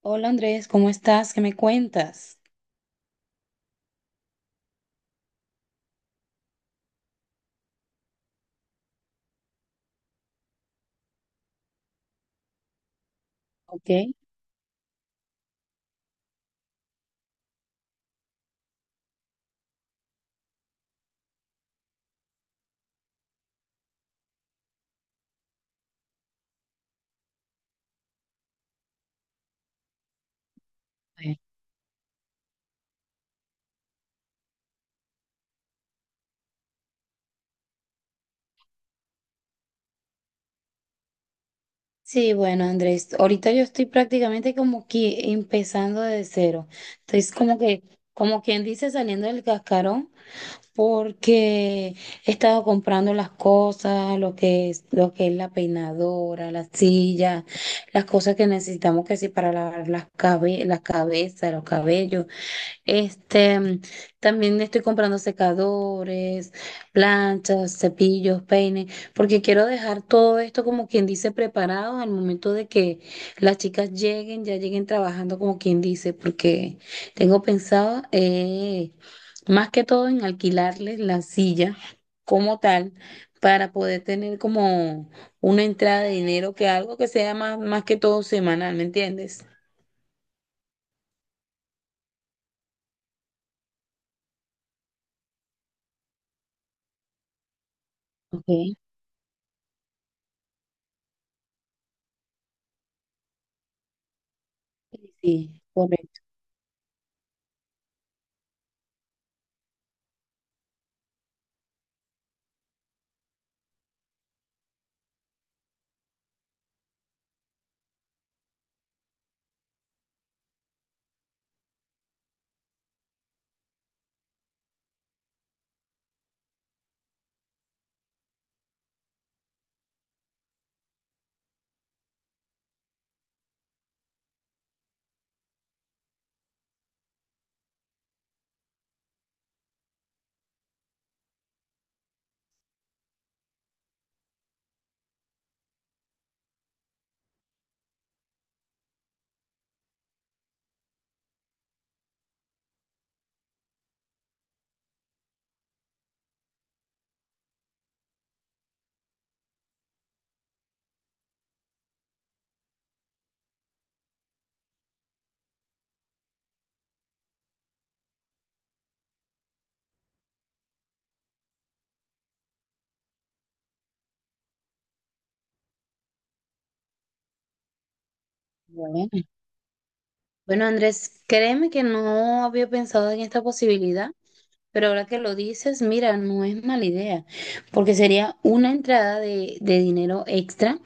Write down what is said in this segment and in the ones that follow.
Hola Andrés, ¿cómo estás? ¿Qué me cuentas? Ok. Sí, bueno Andrés, ahorita yo estoy prácticamente como que empezando de cero. Entonces como que, como quien dice, saliendo del cascarón, porque he estado comprando las cosas, lo que es la peinadora, la silla, las cosas que necesitamos que sí para lavar las cabezas, los cabellos. Este, también estoy comprando secadores, planchas, cepillos, peines, porque quiero dejar todo esto como quien dice preparado al momento de que las chicas lleguen, ya lleguen trabajando como quien dice, porque tengo pensado, más que todo en alquilarles la silla como tal para poder tener como una entrada de dinero que algo que sea más que todo semanal, ¿me entiendes? Ok. Sí, correcto. Bueno, Andrés, créeme que no había pensado en esta posibilidad. Pero ahora que lo dices, mira, no es mala idea, porque sería una entrada de dinero extra,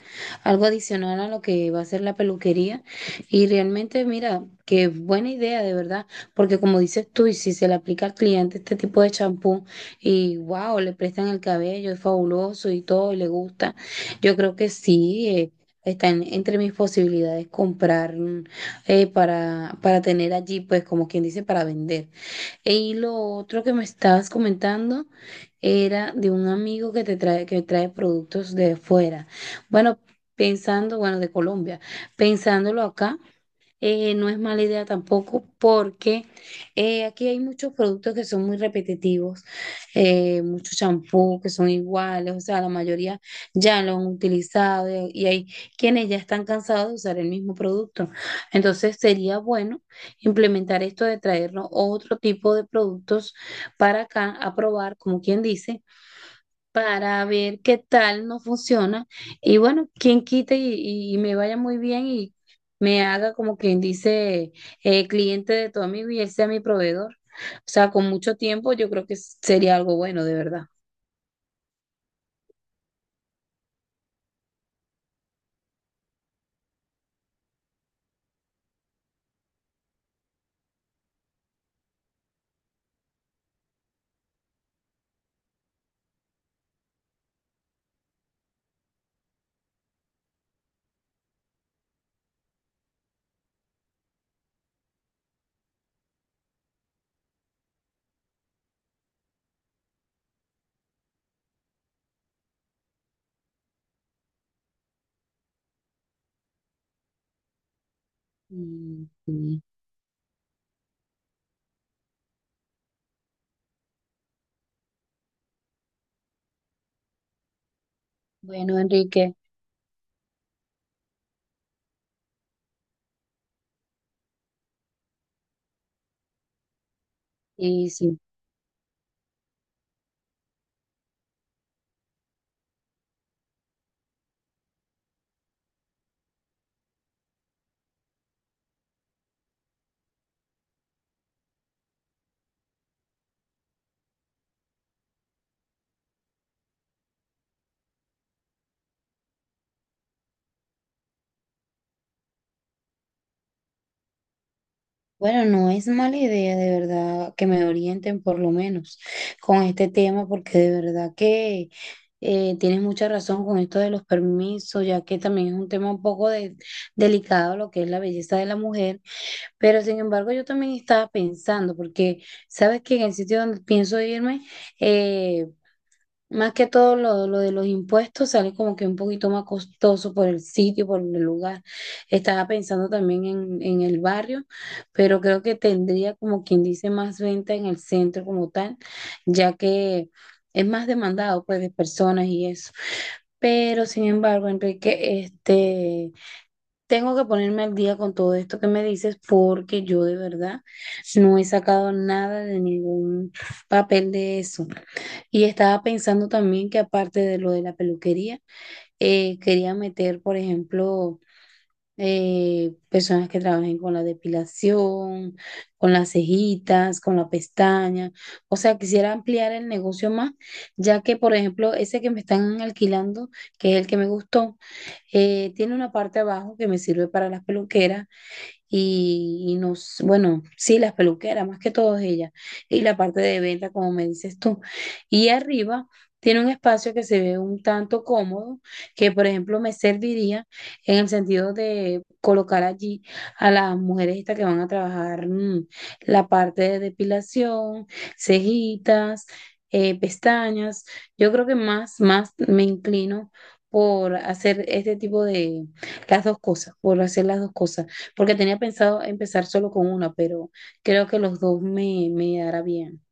algo adicional a lo que va a ser la peluquería. Y realmente, mira, qué buena idea, de verdad, porque como dices tú, y si se le aplica al cliente este tipo de champú y wow, le prestan el cabello, es fabuloso y todo, y le gusta, yo creo que sí. Está entre mis posibilidades comprar, para tener allí, pues como quien dice, para vender. Y lo otro que me estabas comentando era de un amigo que trae productos de fuera. Bueno, pensando, bueno, de Colombia, pensándolo acá, no es mala idea tampoco porque aquí hay muchos productos que son muy repetitivos, muchos champús que son iguales, o sea, la mayoría ya lo han utilizado y hay quienes ya están cansados de usar el mismo producto. Entonces sería bueno implementar esto de traernos otro tipo de productos para acá a probar, como quien dice, para ver qué tal no funciona. Y bueno, quien quite y me vaya muy bien y me haga como quien dice, cliente de tu amigo y él sea mi proveedor. O sea, con mucho tiempo yo creo que sería algo bueno, de verdad. Mm, sí. Bueno, Enrique, y sí. Bueno, no es mala idea de verdad que me orienten por lo menos con este tema, porque de verdad que tienes mucha razón con esto de los permisos, ya que también es un tema un poco delicado lo que es la belleza de la mujer, pero sin embargo yo también estaba pensando, porque sabes que en el sitio donde pienso irme, eh, más que todo lo de los impuestos sale como que un poquito más costoso por el sitio, por el lugar. Estaba pensando también en el barrio, pero creo que tendría como quien dice más venta en el centro como tal, ya que es más demandado pues de personas y eso. Pero sin embargo, Enrique, tengo que ponerme al día con todo esto que me dices porque yo de verdad no he sacado nada de ningún papel de eso. Y estaba pensando también que aparte de lo de la peluquería, quería meter, por ejemplo, personas que trabajen con la depilación, con las cejitas, con la pestaña. O sea, quisiera ampliar el negocio más, ya que, por ejemplo, ese que me están alquilando, que es el que me gustó, tiene una parte abajo que me sirve para las peluqueras bueno, sí, las peluqueras, más que todo ellas, y la parte de venta, como me dices tú. Y arriba tiene un espacio que se ve un tanto cómodo, que por ejemplo me serviría en el sentido de colocar allí a las mujeres estas que van a trabajar mm, la parte de depilación, cejitas, pestañas. Yo creo que más me inclino por hacer este tipo de las dos cosas, por hacer las dos cosas porque tenía pensado empezar solo con una, pero creo que los dos me hará bien.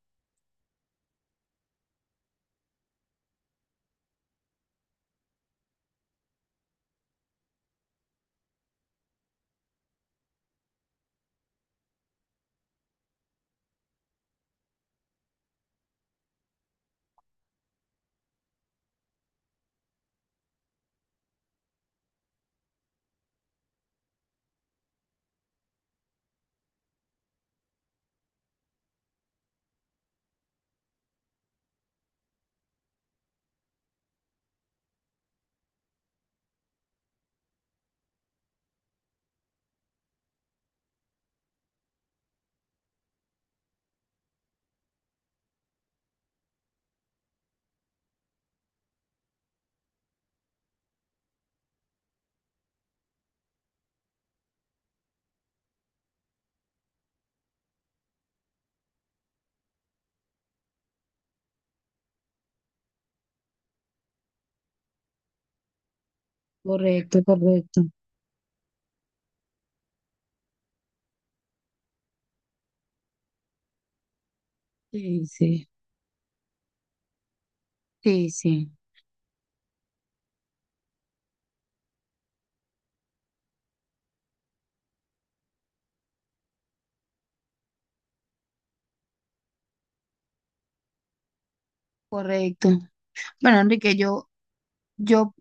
Correcto, correcto. Sí, sí, sí, sí, correcto. Bueno, Enrique, yo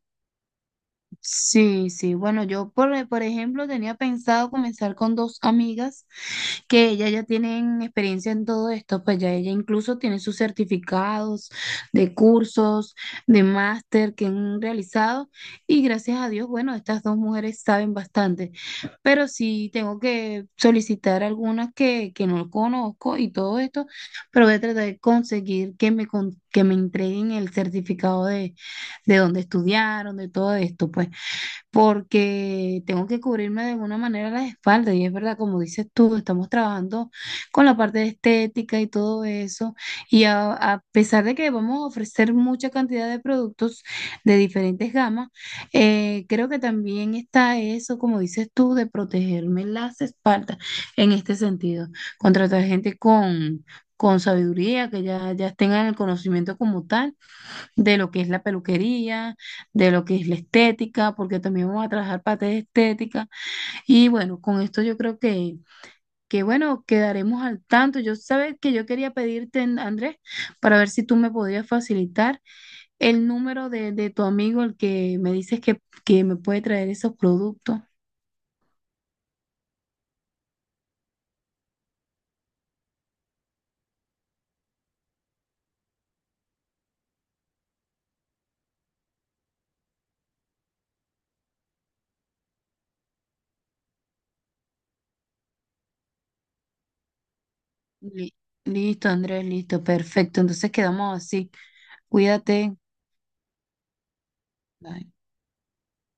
sí, sí. Bueno, por ejemplo, tenía pensado comenzar con dos amigas que ellas ya tienen experiencia en todo esto, pues ya ella incluso tiene sus certificados de cursos, de máster que han realizado y gracias a Dios, bueno, estas dos mujeres saben bastante, pero sí tengo que solicitar algunas que no conozco y todo esto, pero voy a tratar de conseguir que que me entreguen el certificado de dónde estudiaron, de todo esto, pues porque tengo que cubrirme de alguna manera las espaldas y es verdad, como dices tú, estamos trabajando con la parte de estética y todo eso y a pesar de que vamos a ofrecer mucha cantidad de productos de diferentes gamas, creo que también está eso, como dices tú, de protegerme las espaldas en este sentido, contratar gente con sabiduría, ya tengan el conocimiento como tal de lo que es la peluquería, de lo que es la estética, porque también vamos a trabajar parte de estética. Y bueno, con esto yo creo que bueno, quedaremos al tanto. Yo sabes que yo quería pedirte, Andrés, para ver si tú me podías facilitar el número de tu amigo, el que me dices que me puede traer esos productos. Li- Listo, Andrés, listo, perfecto. Entonces quedamos así. Cuídate. Bye.